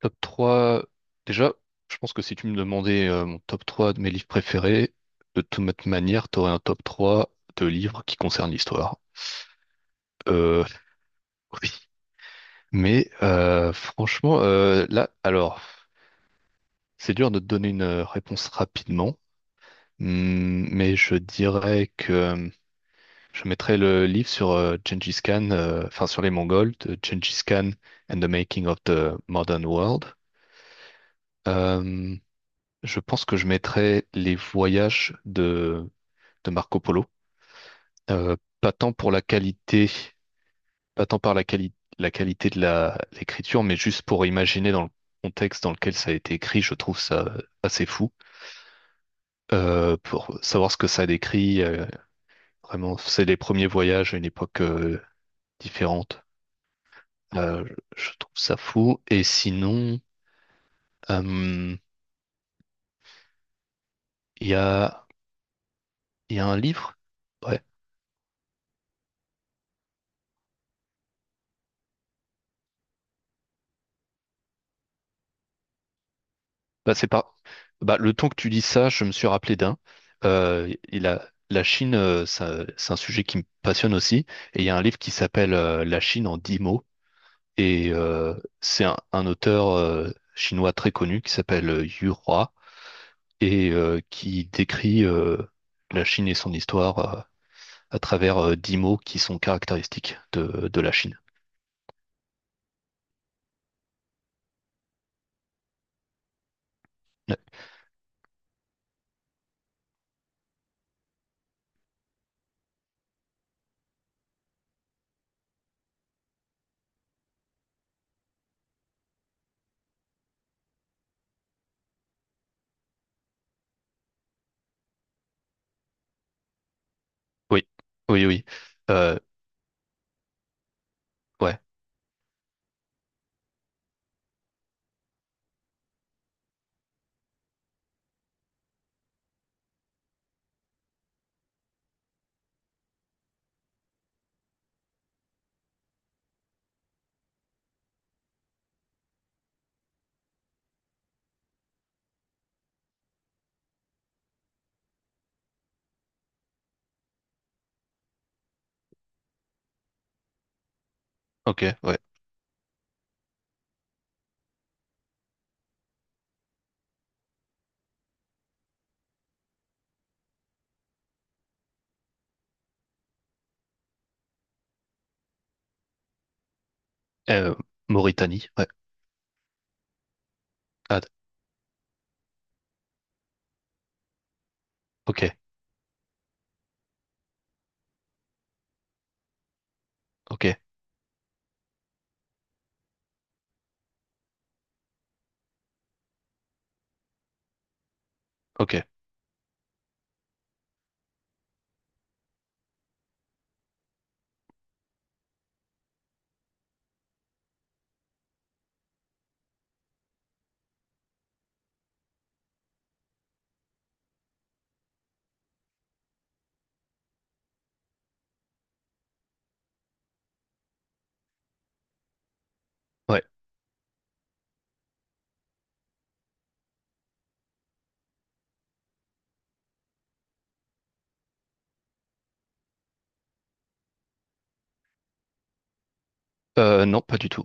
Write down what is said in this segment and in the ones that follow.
Top 3. Déjà, je pense que si tu me demandais mon top 3 de mes livres préférés, de toute manière, t'aurais un top 3 de livres qui concernent l'histoire. Euh, oui. Mais franchement, là, alors, c'est dur de te donner une réponse rapidement. Mais je dirais que je mettrais le livre sur Gengis Khan, enfin sur les Mongols, de Gengis Khan and the Making of the Modern World. Euh, Je pense que je mettrais les voyages de Marco Polo. Pas tant pour la qualité, pas tant par la quali- la qualité l'écriture, mais juste pour imaginer dans le contexte dans lequel ça a été écrit, je trouve ça assez fou. Pour savoir ce que ça décrit, vraiment, c'est les premiers voyages à une époque différente. Euh, je trouve ça fou. Et sinon, euh, il y a, il y a un livre. Ouais. Bah, c'est pas... Bah, le temps que tu dis ça, je me suis rappelé d'un. Et la Chine, c'est un sujet qui me passionne aussi. Et il y a un livre qui s'appelle La Chine en 10 mots. Et c'est un auteur chinois très connu qui s'appelle Yu Hua, et qui décrit la Chine et son histoire à travers 10 mots qui sont caractéristiques de la Chine. Ouais. Oui, oui, oui. Euh, Ouais, ok, ouais. Euh, Mauritanie, ouais. Ah, d- ok, ok, ok, ouais. Non, pas du tout.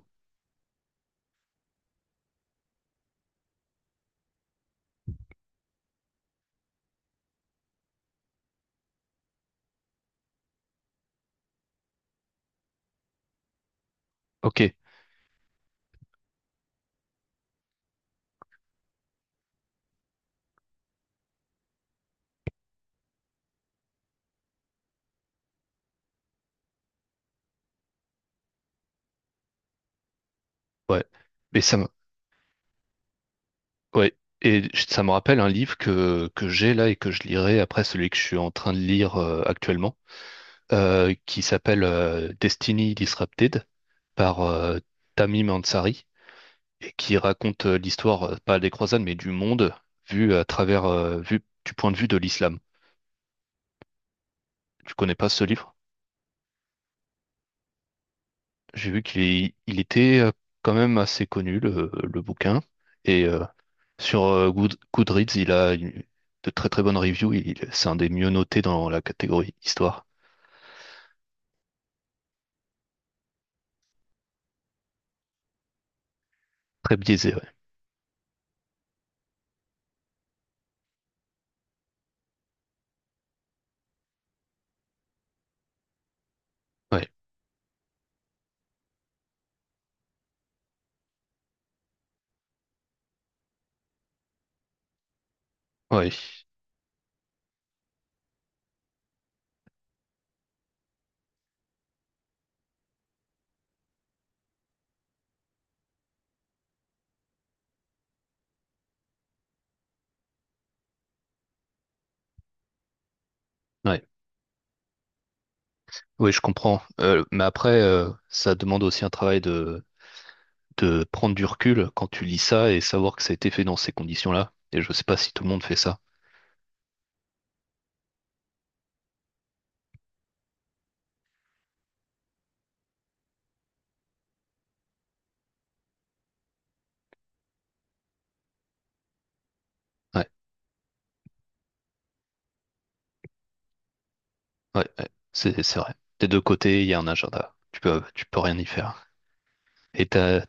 Ok, ouais. Mais ça me, ouais. Ça me rappelle un livre que j'ai là et que je lirai après celui que je suis en train de lire actuellement, qui s'appelle Destiny Disrupted par Tamim Ansari, et qui raconte l'histoire, pas des croisades, mais du monde vu à travers, vu du point de vue de l'islam. Tu connais pas ce livre? J'ai vu il était quand même assez connu, le bouquin. Et sur Goodreads, de très très bonnes reviews. Il, c'est un des mieux notés dans la catégorie histoire. Très biaisé, ouais. Ouais, ouais, ouais. Oui, je comprends. Mais après, ça demande aussi un travail de prendre du recul quand tu lis ça et savoir que ça a été fait dans ces conditions-là. Et je sais pas si tout le monde fait ça. Ouais, ouais, ouais, c'est vrai. Des deux côtés, il y a un agenda. Tu peux rien y faire. Et t'as,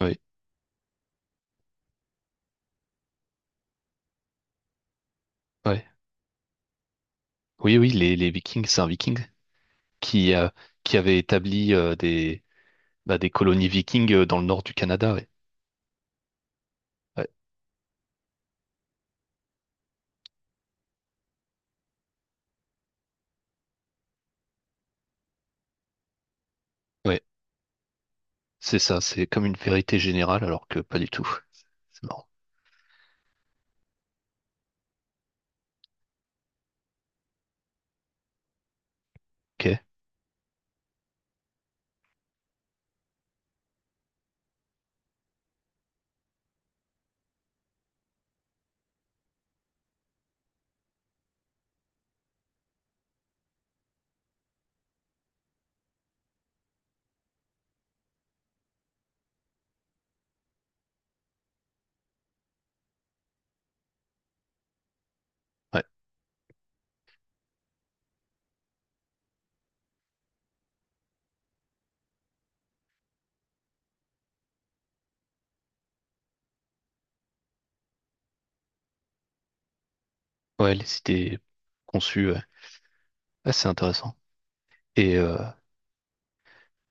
oui, ouais. Oui, oui, les Vikings, c'est un Viking qui, euh, qui avait établi bah, des colonies vikings dans le nord du Canada. Ouais, ouais, ouais. C'est ça. C'est comme une vérité générale, alors que pas du tout. C'est marrant. Ok. Ouais. Ouais, les cités conçues, ouais. Ouais, c'est intéressant. Et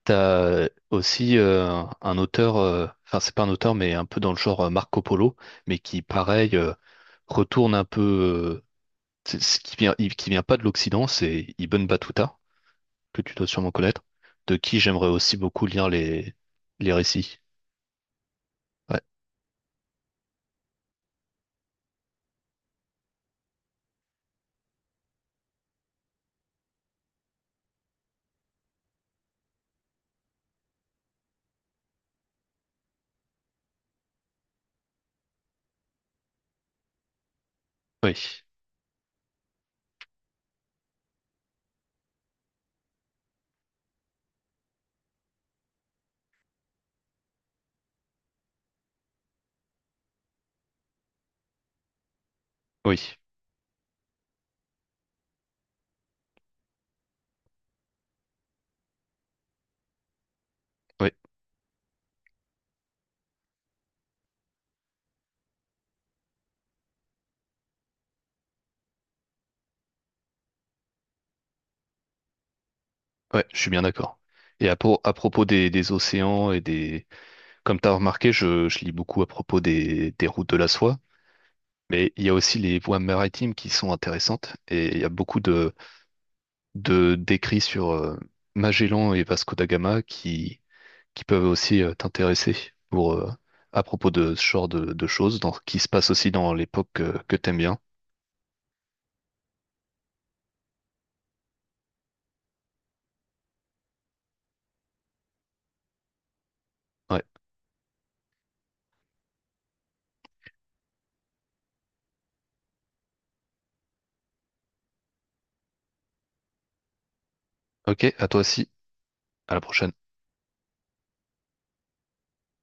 t'as aussi un auteur, enfin c'est pas un auteur, mais un peu dans le genre Marco Polo, mais qui pareil retourne un peu, ce qui vient, qui vient pas de l'Occident, c'est Ibn Battuta. Que tu dois sûrement connaître, de qui j'aimerais aussi beaucoup lire les récits. Ouais. Oui, oui, oui, ouais, je suis bien d'accord. À propos des océans comme tu as remarqué, je lis beaucoup à propos des routes de la soie, mais il y a aussi les voies maritimes qui sont intéressantes et il y a beaucoup d'écrits sur Magellan et Vasco da Gama qui peuvent aussi t'intéresser pour, à propos de ce genre de choses dans, qui se passe aussi dans l'époque que t'aimes bien. Ouais. Ok, à toi aussi. À la prochaine.